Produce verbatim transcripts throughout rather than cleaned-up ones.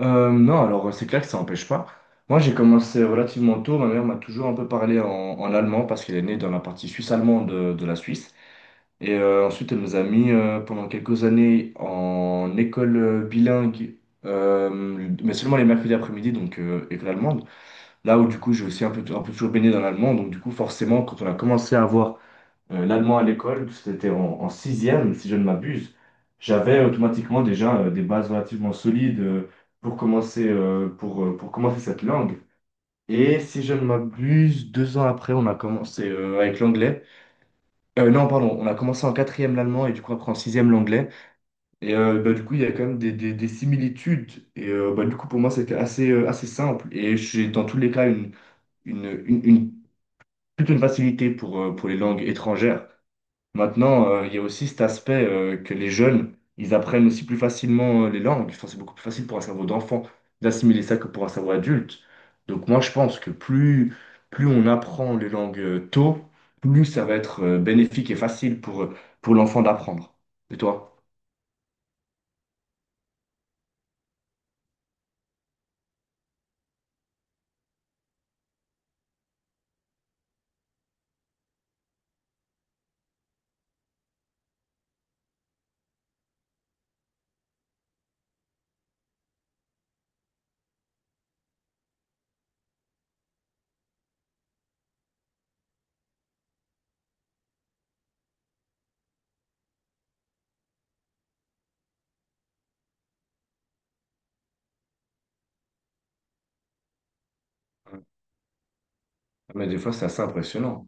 Euh, non, alors c'est clair que ça n'empêche pas. Moi, j'ai commencé relativement tôt. Ma mère m'a toujours un peu parlé en, en allemand parce qu'elle est née dans la partie suisse-allemande de, de la Suisse. Et euh, ensuite, elle nous a mis euh, pendant quelques années en école euh, bilingue, euh, mais seulement les mercredis après-midi, donc euh, école allemande. Là où du coup, j'ai aussi un peu, un peu toujours baigné dans l'allemand. Donc du coup, forcément, quand on a commencé à avoir euh, l'un de moi à l'école, c'était en, en sixième, si je ne m'abuse, j'avais automatiquement déjà euh, des bases relativement solides euh, pour commencer, euh, pour, euh, pour commencer cette langue. Et si je ne m'abuse, deux ans après, on a commencé euh, avec l'anglais. Euh, non, pardon, on a commencé en quatrième l'allemand et du coup après en sixième l'anglais. Et euh, bah, du coup, il y a quand même des, des, des similitudes. Et euh, bah, du coup, pour moi, c'était assez, euh, assez simple. Et j'ai dans tous les cas une, une, une, une- plutôt une facilité pour, euh, pour les langues étrangères. Maintenant, euh, il y a aussi cet aspect euh, que les jeunes, ils apprennent aussi plus facilement euh, les langues. Enfin, c'est beaucoup plus facile pour un cerveau d'enfant d'assimiler ça que pour un cerveau adulte. Donc moi, je pense que plus, plus on apprend les langues euh, tôt, plus ça va être euh, bénéfique et facile pour, euh, pour l'enfant d'apprendre. Et toi? Mais des fois, c'est assez impressionnant.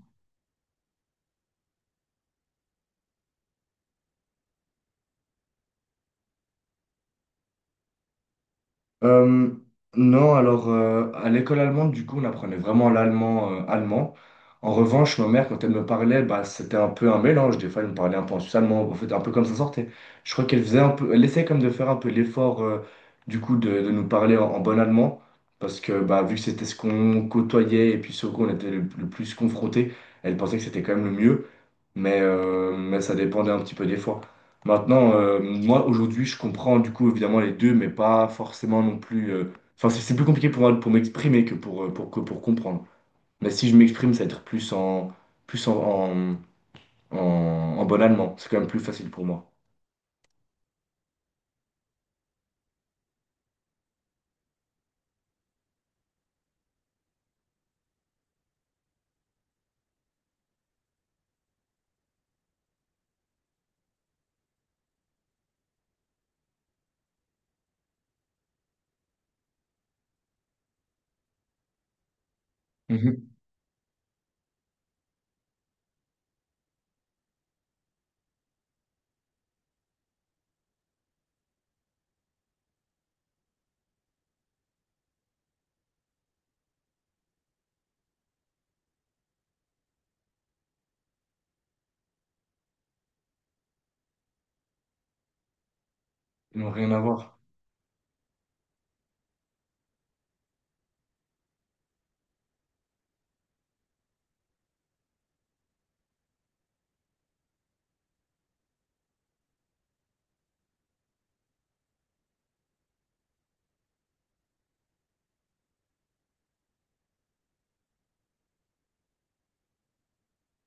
Euh, non, alors euh, à l'école allemande, du coup, on apprenait vraiment l'allemand euh, allemand. En revanche, ma mère, quand elle me parlait, bah, c'était un peu un mélange. Des fois, elle me parlait un peu en suisse allemand, en fait, un peu comme ça sortait. Je crois qu'elle faisait un peu, elle essayait comme de faire un peu l'effort, euh, du coup, de, de nous parler en, en bon allemand, parce que bah, vu que c'était ce qu'on côtoyait et puis ce qu'on était le, le plus confronté, elle pensait que c'était quand même le mieux mais, euh, mais ça dépendait un petit peu des fois. Maintenant, euh, moi aujourd'hui, je comprends du coup évidemment les deux, mais pas forcément non plus. euh, Enfin, c'est c'est plus compliqué pour moi pour m'exprimer que pour, euh, pour, que pour comprendre. Mais si je m'exprime, ça va être plus en, plus en, en, en, en bon allemand. C'est quand même plus facile pour moi. Mhm. Ils n'ont rien à voir.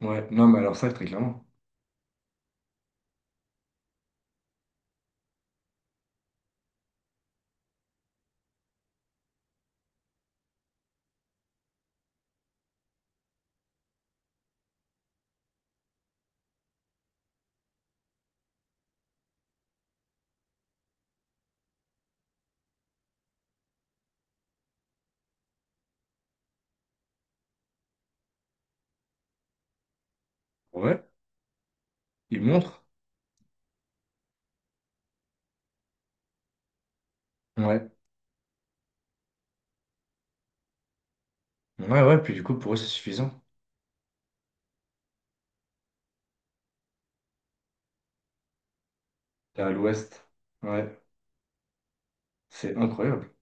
Ouais, non, mais alors ça, très clairement. Ouais, ils montrent. Ouais. Ouais, ouais, puis du coup, pour eux, c'est suffisant. T'es à l'ouest. Ouais, c'est incroyable.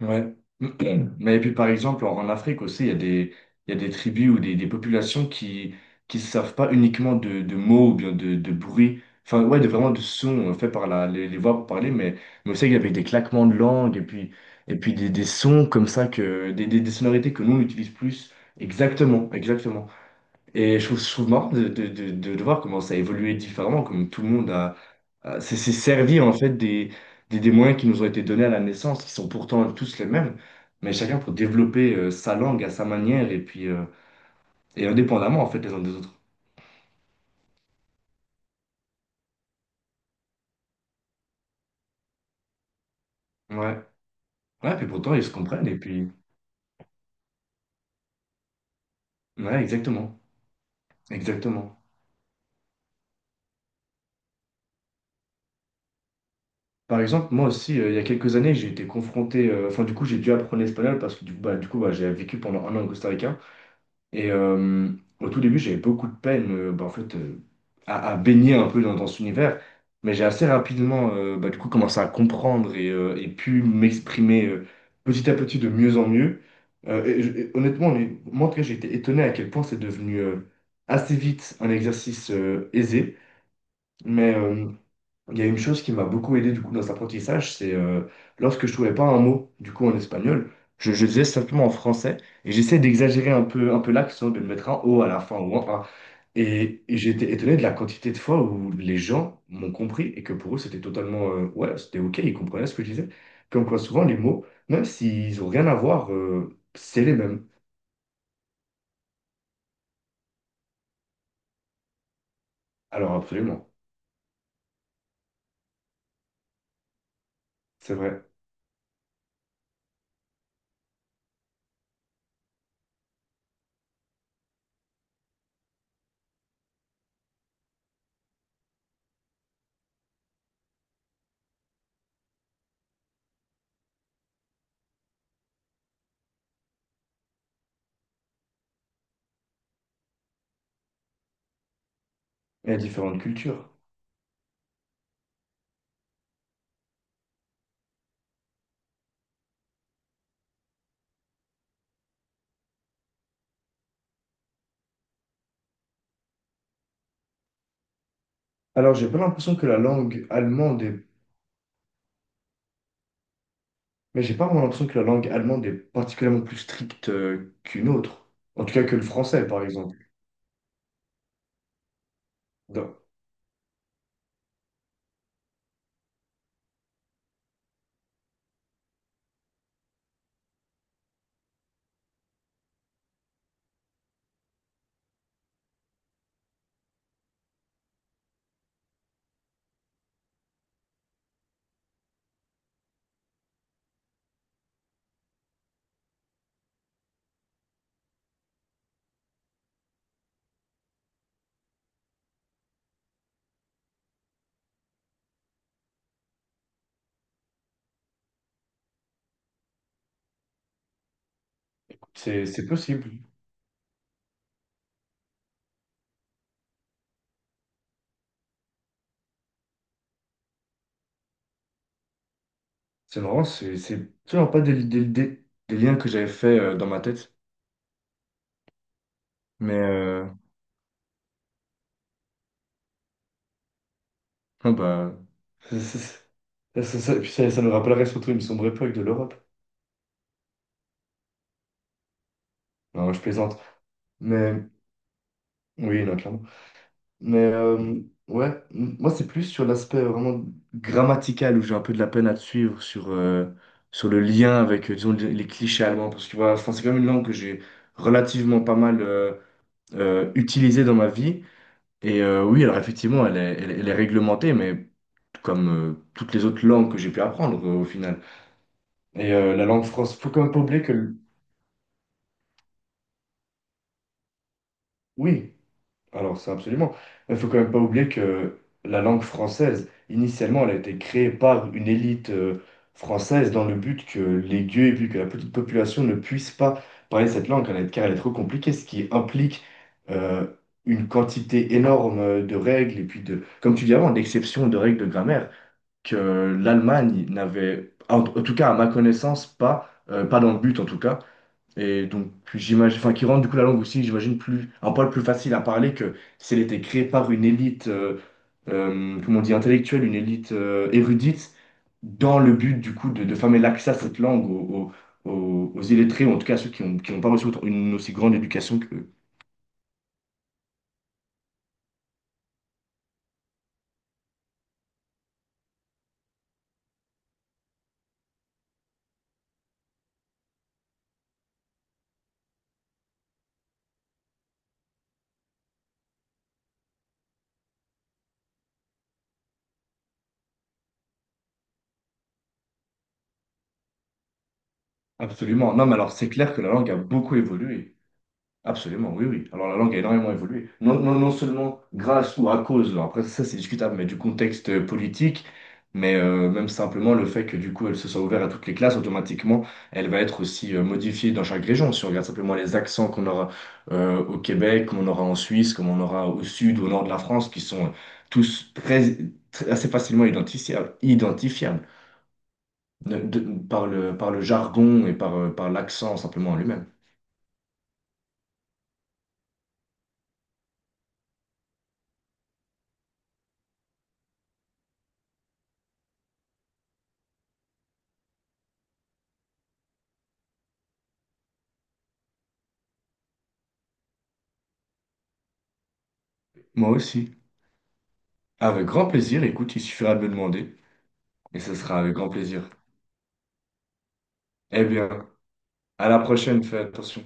Ouais. Mais et puis par exemple, en, en Afrique aussi, il y a des, il y a des tribus ou des, des populations qui qui ne savent pas uniquement de, de mots ou bien de, de bruit, enfin ouais, de vraiment de sons euh, faits par la, les, les voix pour parler, mais, mais aussi avec des claquements de langue et puis, et puis des, des sons comme ça, que, des, des, des sonorités que nous on utilise plus. Exactement, exactement. Et je trouve, je trouve marrant de, de, de, de- de voir comment ça a évolué différemment, comme tout le monde a, a- s'est s'est servi en fait des, des, des moyens qui nous ont été donnés à la naissance, qui sont pourtant tous les mêmes, mais chacun pour développer euh, sa langue à sa manière et puis euh, et indépendamment en fait les uns des autres. Ouais, ouais, puis pourtant ils se comprennent et puis ouais, exactement, exactement. Par exemple, moi aussi, euh, il y a quelques années, j'ai été confronté, euh, enfin du coup j'ai dû apprendre l'espagnol parce que du coup, bah, du coup bah, j'ai vécu pendant un an au Costa Rica. Et euh, au tout début, j'avais beaucoup de peine euh, bah, en fait, euh, à, à baigner un peu dans, dans cet univers. Mais j'ai assez rapidement euh, bah, du coup, commencé à comprendre et, euh, et pu m'exprimer euh, petit à petit de mieux en mieux. Euh, et je- et honnêtement, les- moi, en tout cas, j'ai été étonné à quel point c'est devenu euh, assez vite un exercice euh, aisé. Mais, euh, il y a une chose qui m'a beaucoup aidé du coup dans cet apprentissage, c'est euh, lorsque je trouvais pas un mot du coup en espagnol, je, je le disais simplement en français et j'essayais d'exagérer un peu un peu l'accent, de le mettre un o à la fin ou un a. Et, et j'ai été étonné de la quantité de fois où les gens m'ont compris et que pour eux c'était totalement euh, ouais c'était ok, ils comprenaient ce que je disais. Comme quoi souvent les mots, même s'ils ont rien à voir, euh, c'est les mêmes. Alors absolument, c'est vrai. Il y a différentes cultures. Alors j'ai pas l'impression que la langue allemande mais j'ai pas vraiment l'impression que la langue allemande est particulièrement plus stricte euh, qu'une autre. En tout cas que le français, par exemple. Donc, c'est c'est possible. C'est marrant, c'est c'est toujours pas des, des, des- des liens que j'avais fait euh, dans ma tête. Mais euh, bon, bah. Ça, ça, ça- ça- ça- puis ça- Ça nous rappellerait surtout une sombre époque de l'Europe. Non, je plaisante. Mais oui, non, clairement. Mais euh, ouais, m- moi c'est plus sur l'aspect vraiment grammatical où j'ai un peu de la peine à te suivre sur, euh, sur le lien avec, euh, disons, les les clichés allemands. Parce que voilà, enfin, c'est quand même une langue que j'ai relativement pas mal euh, euh, utilisée dans ma vie. Et euh, oui, alors effectivement, elle est, elle, est elle est réglementée, mais comme euh, toutes les autres langues que j'ai pu apprendre euh, au final. Et euh, la langue française, faut quand même pas oublier que, l- oui, alors, ça, absolument. Il faut quand même pas oublier que la langue française, initialement, elle a été créée par une élite euh, française dans le but que les gueux et puis que la petite population ne puisse pas parler cette langue car elle est car elle est trop compliquée, ce qui implique euh, une quantité énorme de règles et puis de, comme tu dis avant, d'exceptions de règles de grammaire que l'Allemagne n'avait, en en tout cas à ma connaissance, pas, euh, pas dans le but en tout cas. Et donc, j'imagine, enfin, qui rendent du coup la langue aussi, j'imagine, plus, un poil plus facile à parler que si elle était créée par une élite, euh, euh, comment on dit, intellectuelle, une élite euh, érudite, dans le but du coup de, de fermer l'accès à cette langue aux, aux, aux- aux illettrés, ou en tout cas à ceux qui n'ont qui n'ont pas reçu autant- une aussi grande éducation que absolument. Non, mais alors c'est clair que la langue a beaucoup évolué. Absolument, oui, oui. Alors la langue a énormément évolué. Non, non, non seulement grâce ou à cause, alors après ça c'est discutable, mais du contexte euh, politique, mais euh, même simplement le fait que du coup elle se soit ouverte à toutes les classes, automatiquement elle va être aussi euh, modifiée dans chaque région. Si on regarde simplement les accents qu'on aura euh, au Québec, qu'on aura en Suisse, qu'on aura au sud ou au nord de la France, qui sont euh, tous très, très- assez facilement identifiables, identifiables de- de- par le, par le jargon et par, euh, par l'accent simplement en lui-même. Moi aussi. Avec grand plaisir, écoute, il suffira de me demander et ce sera avec grand plaisir. Eh bien, à la prochaine, fais attention.